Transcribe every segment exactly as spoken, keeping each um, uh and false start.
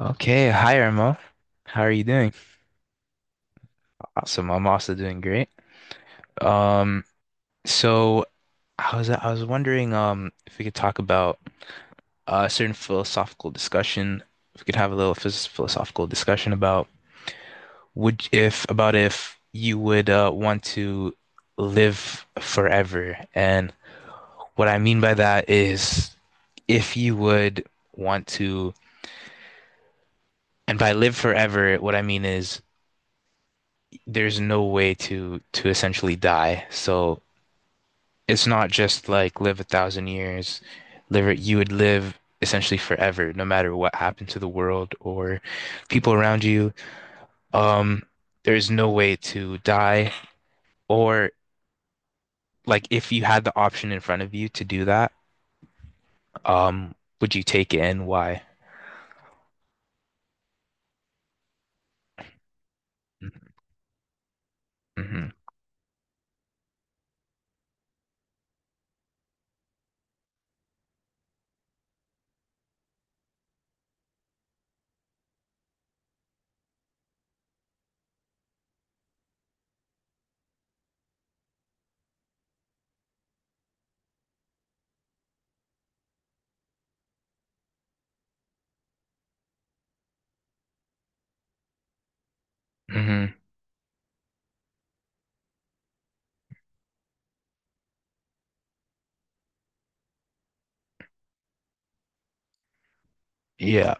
Okay, hi Irma. How are you doing? Awesome. I'm also doing great. Um, so I was I was wondering um if we could talk about uh, a certain philosophical discussion. If we could have a little phys philosophical discussion about would if about if you would uh, want to live forever. And what I mean by that is if you would want to, and by live forever, what I mean is there's no way to to essentially die. So it's not just like live a thousand years, live it- you would live essentially forever, no matter what happened to the world or people around you. Um, there's no way to die, or like if you had the option in front of you to do that, um, would you take it and why? Hmm. Hmm. Yeah.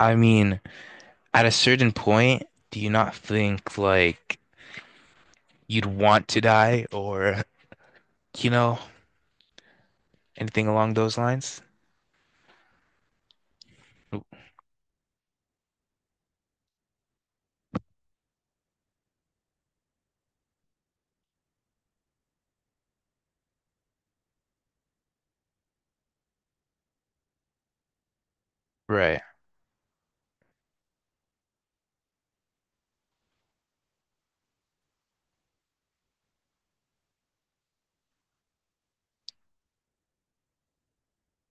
I mean, at a certain point, do you not think like you'd want to die or, you know, anything along those lines? Right.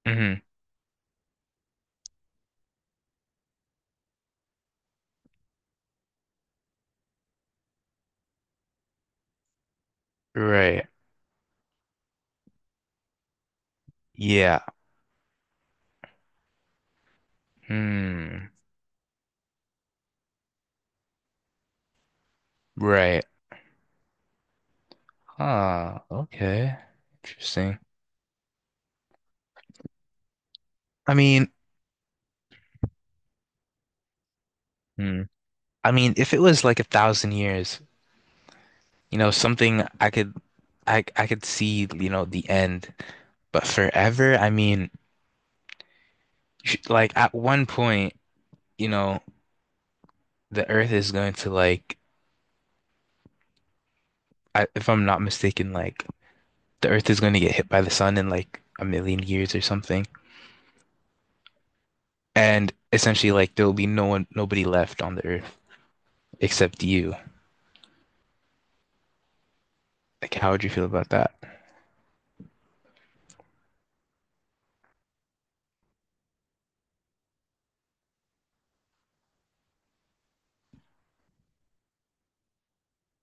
Mm-hmm. Right. Yeah. Hmm. Right. Huh. Okay. Interesting. I mean, hmm. I mean, if it was like a thousand years, you know, something I could, I I could see, you know, the end. But forever, I mean, sh- like at one point, you know, the Earth is going to like, I, if I'm not mistaken, like the Earth is going to get hit by the sun in like a million years or something, and essentially, like there will be no one, nobody left on the Earth except you. Like, how would you feel about that?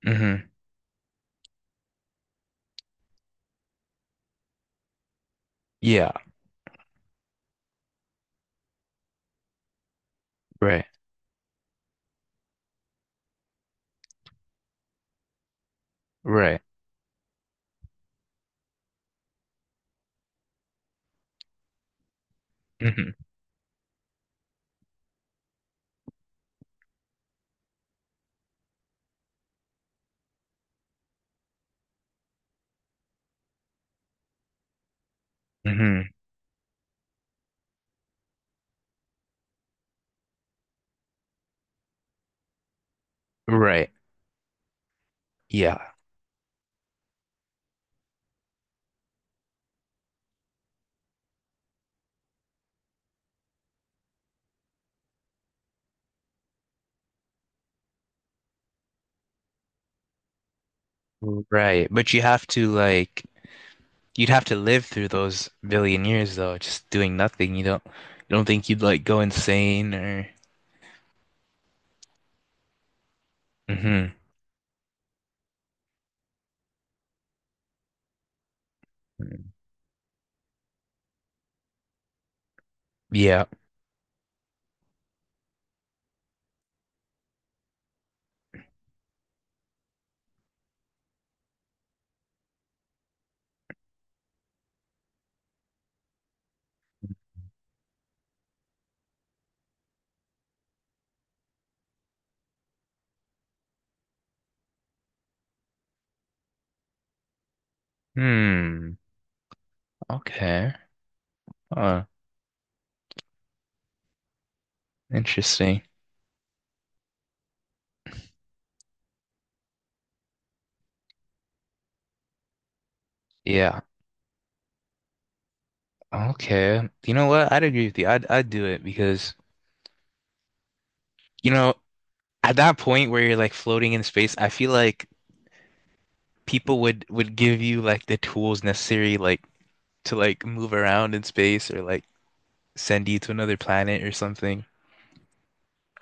Hmm. Yeah. Right. Right. Hmm. Hmm. Right. Yeah. Right. But you have to like you'd have to live through those billion years though, just doing nothing. You don't you don't think you'd like go insane or. Hmm. Yeah. Hmm. Okay. Huh. Interesting. Yeah. Okay. You know what? I'd agree with you. I'd I'd do it because you know, at that point where you're like floating in space, I feel like people would would give you like the tools necessary like to like move around in space or like send you to another planet or something.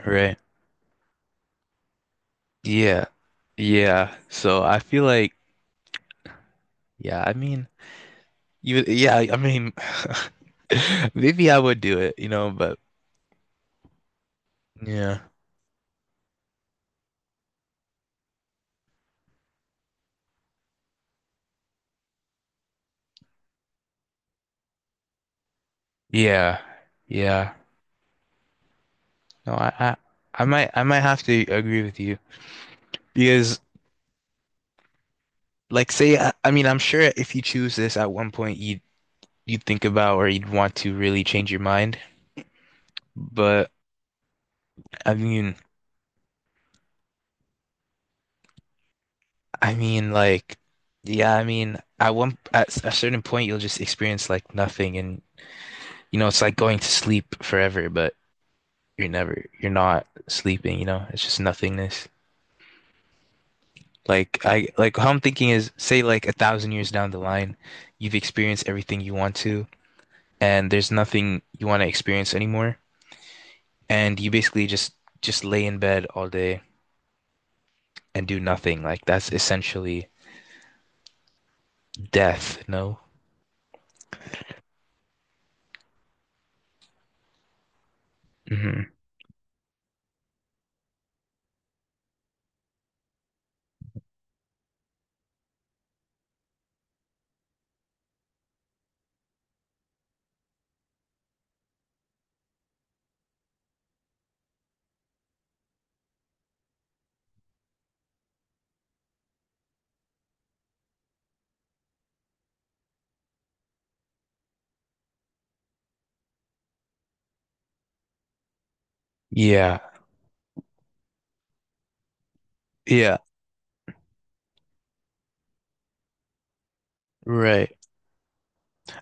Right. Yeah. Yeah. So I feel like, yeah, I mean you yeah, I mean maybe I would do it, you know, but yeah. Yeah. Yeah. No, I, I I might I might have to agree with you because like say I, I mean I'm sure if you choose this at one point you'd you'd think about or you'd want to really change your mind. But I mean, I mean, like, yeah, I mean, at one at a certain point, you'll just experience like nothing, and you know, it's like going to sleep forever, but you're never, you're not sleeping. You know, it's just nothingness. Like I, like how I'm thinking is, say, like a thousand years down the line, you've experienced everything you want to, and there's nothing you want to experience anymore, and you basically just just lay in bed all day and do nothing. Like that's essentially death. No. Hmm. Yeah. Yeah. Right.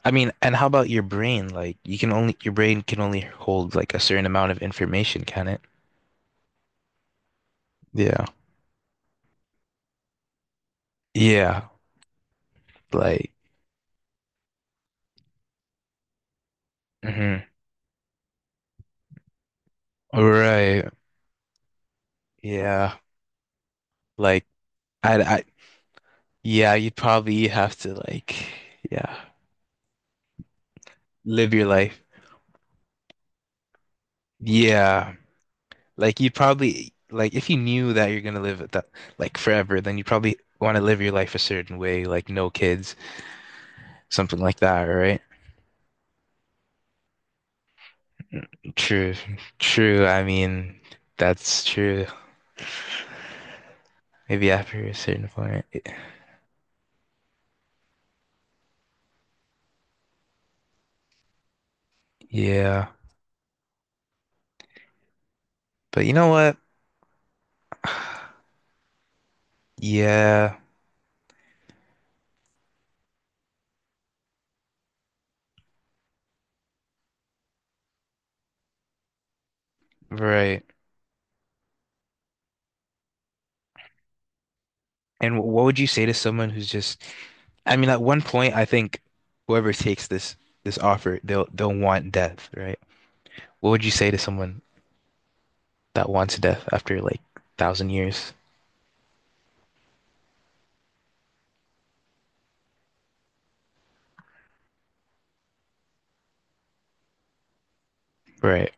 I mean, and how about your brain? Like you can only your brain can only hold like a certain amount of information, can it? Yeah. Yeah. Like. Hmm. Right. Yeah. Like I I yeah, you'd probably have to like yeah, live your life. Yeah. Like you'd probably like if you knew that you're gonna live it that like forever, then you probably want to live your life a certain way, like no kids, something like that, right? True. True. I mean, that's true. Maybe after a certain point. Yeah. But you know what? Yeah, right. And what would you say to someone who's just, I mean, at one point, I think whoever takes this this offer, they'll they'll want death, right? What would you say to someone that wants death after like thousand years? Right.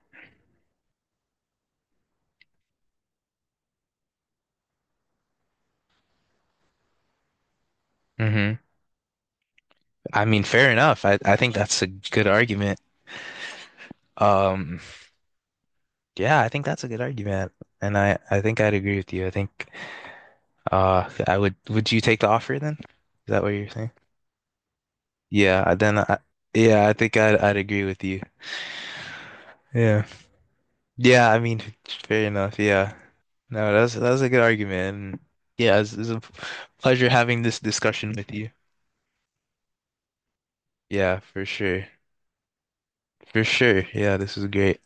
Hmm. I mean, fair enough. I I think that's a good argument. Um, yeah, I think that's a good argument, and I I think I'd agree with you. I think uh, I would. Would you take the offer then? Is that what you're saying? Yeah, I- then I, yeah, I think I'd I'd agree with you. Yeah. Yeah, I mean, fair enough. Yeah. No, that's that's a good argument. And Yeah, it's, it's a p- pleasure having this discussion with you. Yeah, for sure. For sure. Yeah, this is great.